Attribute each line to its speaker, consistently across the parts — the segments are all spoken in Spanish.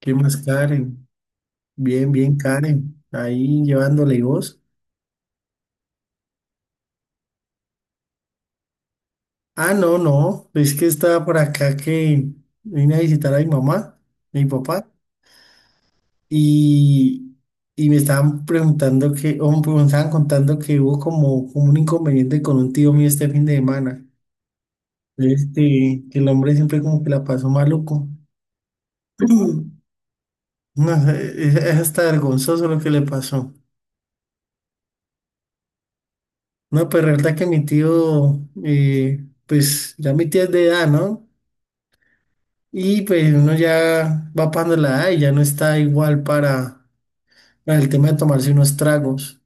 Speaker 1: ¿Qué más, Karen? Bien, bien, Karen. Ahí llevándole y vos. Ah, no, no. Es que estaba por acá que vine a visitar a mi mamá, a mi papá, y, y me estaban preguntando que, me estaban contando que hubo como un inconveniente con un tío mío este fin de semana. Que el hombre siempre como que la pasó maluco. No, es hasta vergonzoso lo que le pasó. No, pero la verdad que mi tío, pues ya mi tía es de edad, ¿no? Y pues uno ya va pasando la edad y ya no está igual para el tema de tomarse unos tragos.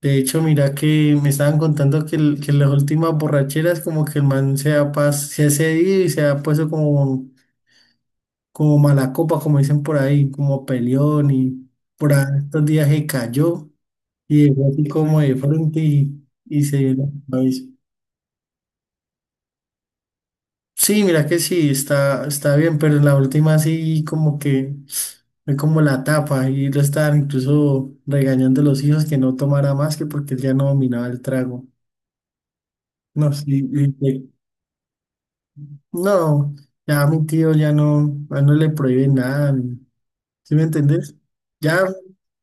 Speaker 1: De hecho, mira que me estaban contando que, que las últimas borracheras como que el man se ha cedido y se ha puesto como mala copa, como dicen por ahí, como peleón y por ahí estos días se cayó y dejó así como de frente y se dio la cabeza. Sí, mira que sí, está bien, pero en la última sí como que fue como la tapa y lo estaban incluso regañando a los hijos que no tomara más que porque él ya no dominaba el trago. No, sí, no, ya a mi tío ya no, a él no le prohíbe nada. ¿Sí me entendés? Ya,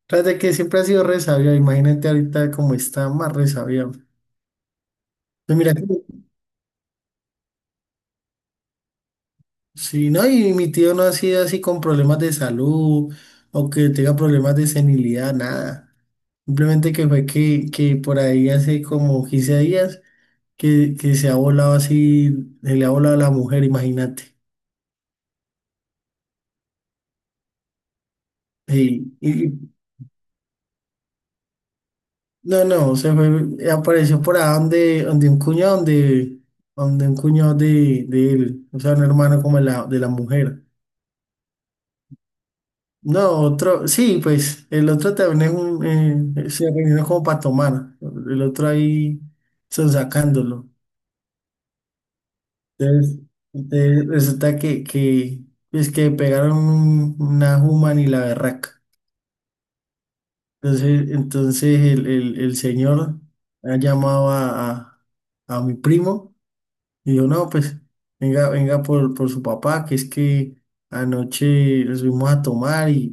Speaker 1: tras de que siempre ha sido re sabio, imagínate ahorita cómo está más re sabio. Pues mira, sí, no, y mi tío no ha sido así con problemas de salud o que tenga problemas de senilidad, nada. Simplemente que fue que, por ahí hace como 15 días que, se ha volado así, se le ha volado a la mujer, imagínate. Sí, no, no, se fue, apareció por ahí donde, un cuñado, donde, un cuñado de él, o sea, un hermano como de la mujer. No, otro, sí, pues el otro también es un, se reunieron como para tomar, el otro ahí son sacándolo. Entonces, entonces, resulta que, pues que pegaron una human y la berraca. Entonces, el, el señor ha llamado a, a mi primo y dijo, no, pues venga, venga por su papá, que es que anoche nos fuimos a tomar y,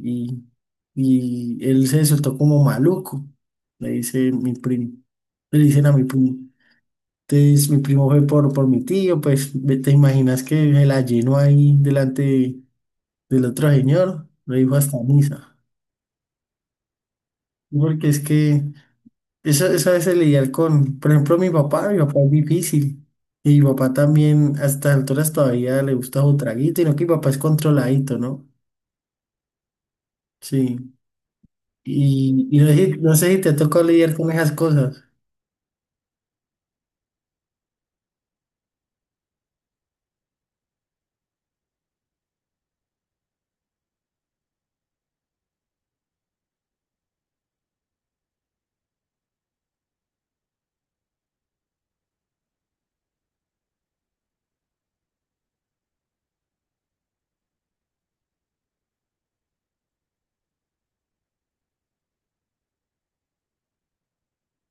Speaker 1: y, y él se soltó como maluco, le dice mi primo, le dicen a mi primo. Entonces, mi primo fue por mi tío, pues te imaginas que se la llenó ahí delante del otro señor, lo dijo hasta misa. Porque es que eso a veces lidiar con, por ejemplo, mi papá es difícil. Y mi papá también a estas alturas todavía le gusta su traguito, y no que mi papá es controladito, ¿no? Sí. Y no sé, no sé si te tocó lidiar con esas cosas.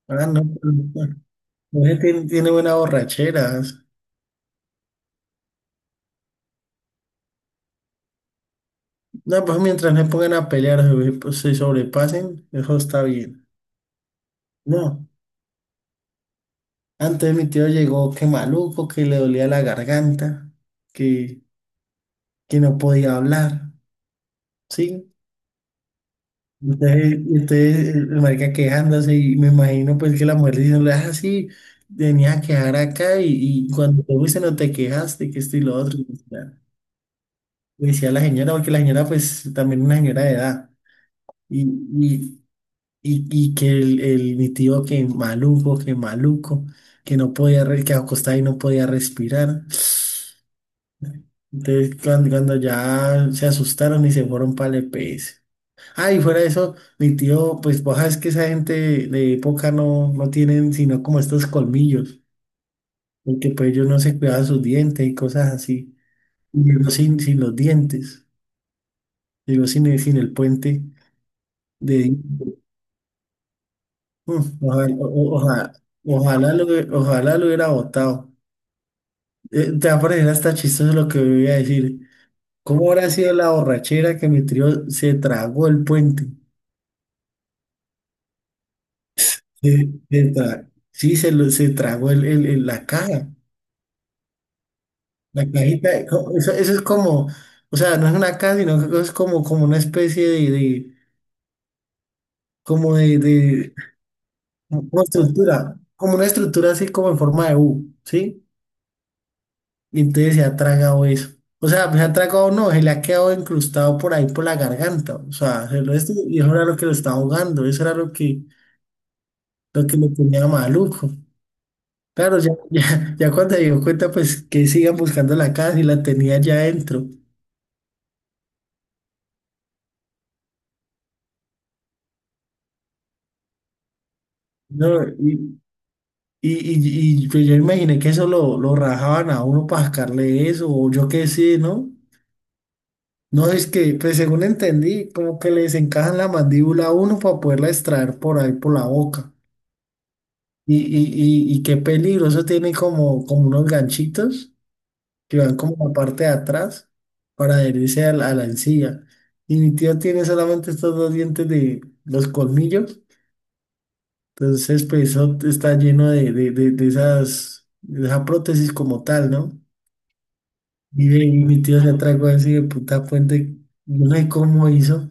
Speaker 1: Ah, no, pero él tiene buenas borracheras. No, pues mientras no se pongan a pelear, se pues, se sobrepasen, eso está bien. No, antes mi tío llegó que maluco, que le dolía la garganta, que, que no podía hablar, ¿sí? Entonces, el marica quejándose y me imagino pues que la mujer diciéndole, ah, sí, venía a quejar acá y cuando te fuiste no te quejaste, que esto y lo otro. Y ya. Le decía a la señora, porque la señora pues también una señora de edad. y y que el mi tío que maluco, que maluco, que no podía, que acostaba y no podía respirar. Entonces cuando ya se asustaron y se fueron para el EPS. Ah, y fuera de eso, mi tío, pues vos sabes que esa gente de época no tienen sino como estos colmillos, porque pues ellos no se cuidaban sus dientes y cosas así. Y llegó sin los dientes, llegó sin el puente de... Mm, ojalá, o- o- ojalá, ojalá lo hubiera botado. Te va a parecer hasta chistoso lo que voy a decir. ¿Cómo habrá sido la borrachera que mi trío se tragó el puente? Sí, se tragó la caja, la cajita. Eso es como, o sea, no es una caja, sino que es como una especie de como de, de- como estructura, como una estructura así como en forma de U, ¿sí? Y entonces se ha tragado eso. O sea, se ha tragado no, se le ha quedado incrustado por ahí por la garganta. O sea, y eso era lo que lo estaba ahogando, eso era lo que lo tenía maluco. Claro, ya cuando se dio cuenta, pues que sigan buscando la casa y la tenía ya adentro. No, pues yo imaginé que eso lo rajaban a uno para sacarle eso, o yo qué sé, ¿no? No, es que, pues según entendí, como que les encajan la mandíbula a uno para poderla extraer por ahí por la boca. Y qué peligroso, tiene como unos ganchitos que van como la parte de atrás para adherirse a la encía. Y mi tío tiene solamente estos dos dientes de los colmillos, entonces pues eso está lleno de esa prótesis como tal, ¿no? Y mi tío se atragó así de puta puente, no sé cómo hizo.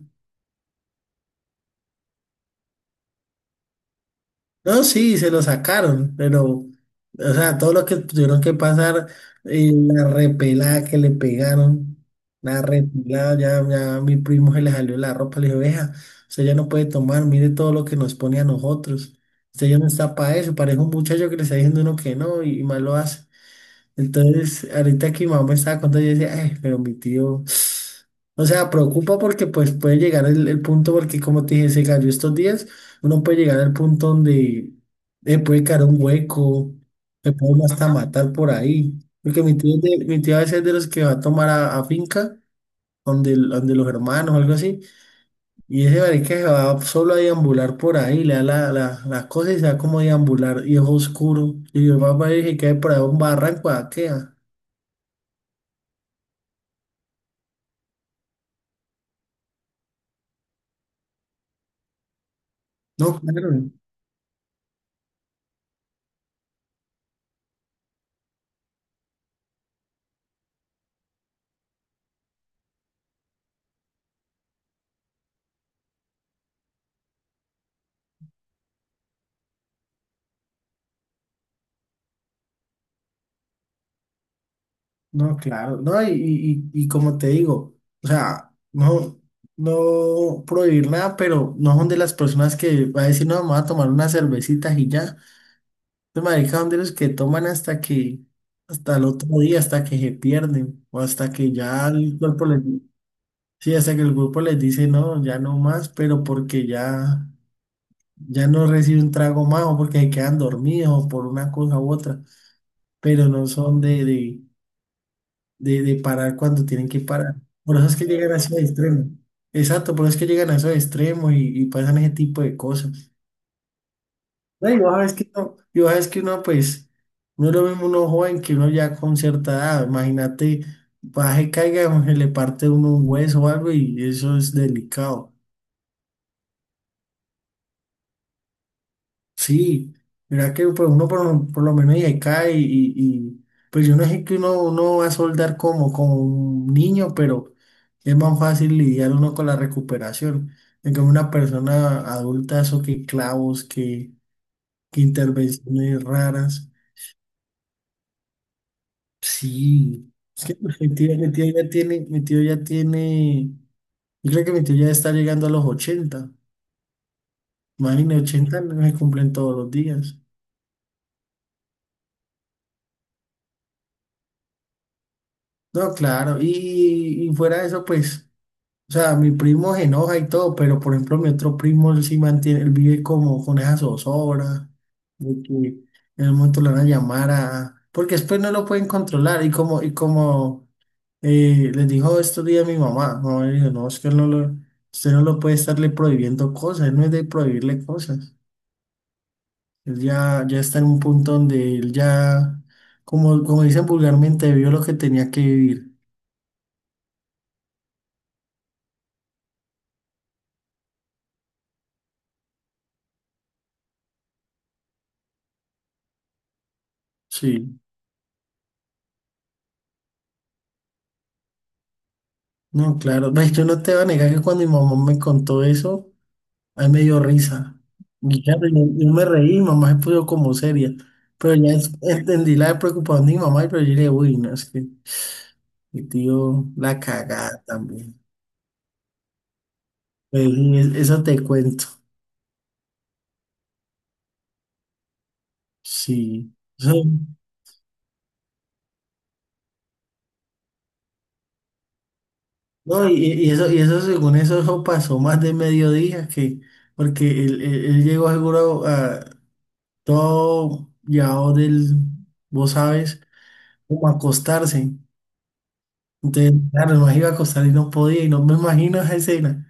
Speaker 1: No, sí, se lo sacaron, pero, o sea, todo lo que tuvieron que pasar, la repelada que le pegaron, la repelada, ya a mi primo se le salió la ropa, le dije, vea, usted ya no puede tomar, mire todo lo que nos pone a nosotros, usted ya no está para eso, parece un muchacho que le está diciendo uno que no y mal lo hace. Entonces, ahorita que mi mamá me estaba contando, yo decía, ay, pero mi tío, o sea, preocupa porque pues puede llegar el punto, porque como te dije, se cayó estos días, uno puede llegar al punto donde le puede caer un hueco, le pueden hasta matar por ahí. Porque mi tío a veces es de los que va a tomar a finca, donde, donde los hermanos o algo así, y ese marica se va solo a deambular por ahí, le da la, las cosas y se va como a deambular, y es oscuro, y yo papá dije que cae por ahí un barranco, ¿a qué? No, claro, no, claro, no, y como te digo, o sea, no, no prohibir nada, pero no son de las personas que va a decir, no, vamos a tomar unas cervecitas y ya. Los maricas son de los que toman hasta que, hasta el otro día, hasta que se pierden, o hasta que ya el cuerpo les, sí, hasta que el grupo les dice, no, ya no más, pero porque ya, ya no recibe un trago más, o porque se quedan dormidos, o por una cosa u otra, pero no son de parar cuando tienen que parar. Por eso es que llegan a esos extremos. Exacto, por eso es que llegan a esos extremos y pasan ese tipo de cosas. No, y vos sabes que no, y vos sabes que uno, pues, no es lo mismo uno joven que uno ya con cierta edad. Imagínate, baje, caiga, se le parte uno un hueso o algo y eso es delicado. Sí, mira que pues, lo por lo menos ya cae y pues yo no sé que uno va a soldar como un niño, pero es más fácil lidiar uno con la recuperación. En cambio, una persona adulta, eso que clavos, que intervenciones raras. Sí, pues, mi tío ya tiene, yo creo que mi tío ya está llegando a los 80. Imagínate, 80 no se cumplen todos los días. No, claro, y fuera de eso, pues. O sea, mi primo se enoja y todo, pero por ejemplo, mi otro primo él sí mantiene, él vive como con esa zozobra de que en el momento le van a llamar a. Porque después no lo pueden controlar. Y como les dijo estos días mi mamá le dijo, no, es que él no lo, usted no lo puede estarle prohibiendo cosas, él no es de prohibirle cosas. Él ya está en un punto donde él ya, como dicen vulgarmente, vio lo que tenía que vivir. Sí. No, claro, pues yo no te voy a negar que cuando mi mamá me contó eso, ahí me dio risa. Y claro, yo me reí, mamá se puso como seria. Pero ya entendí la preocupación de mi mamá, pero yo le dije, uy, no, es que mi tío la cagada también. Pues, eso te cuento. Sí. No, y eso, según eso, eso pasó más de mediodía, porque él llegó seguro a todo llevado del, vos sabes, como a acostarse. Entonces, claro, nos iba a acostar y no podía, y no me imagino esa escena.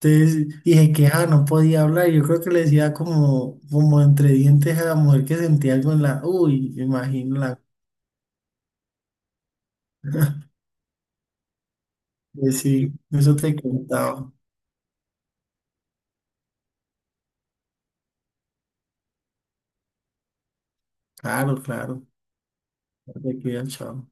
Speaker 1: Entonces dije que no podía hablar. Yo creo que le decía como entre dientes a la mujer que sentía algo en la. Uy, me imagino la. Sí, eso te contaba. Claro, claro. Te cuidas, chao.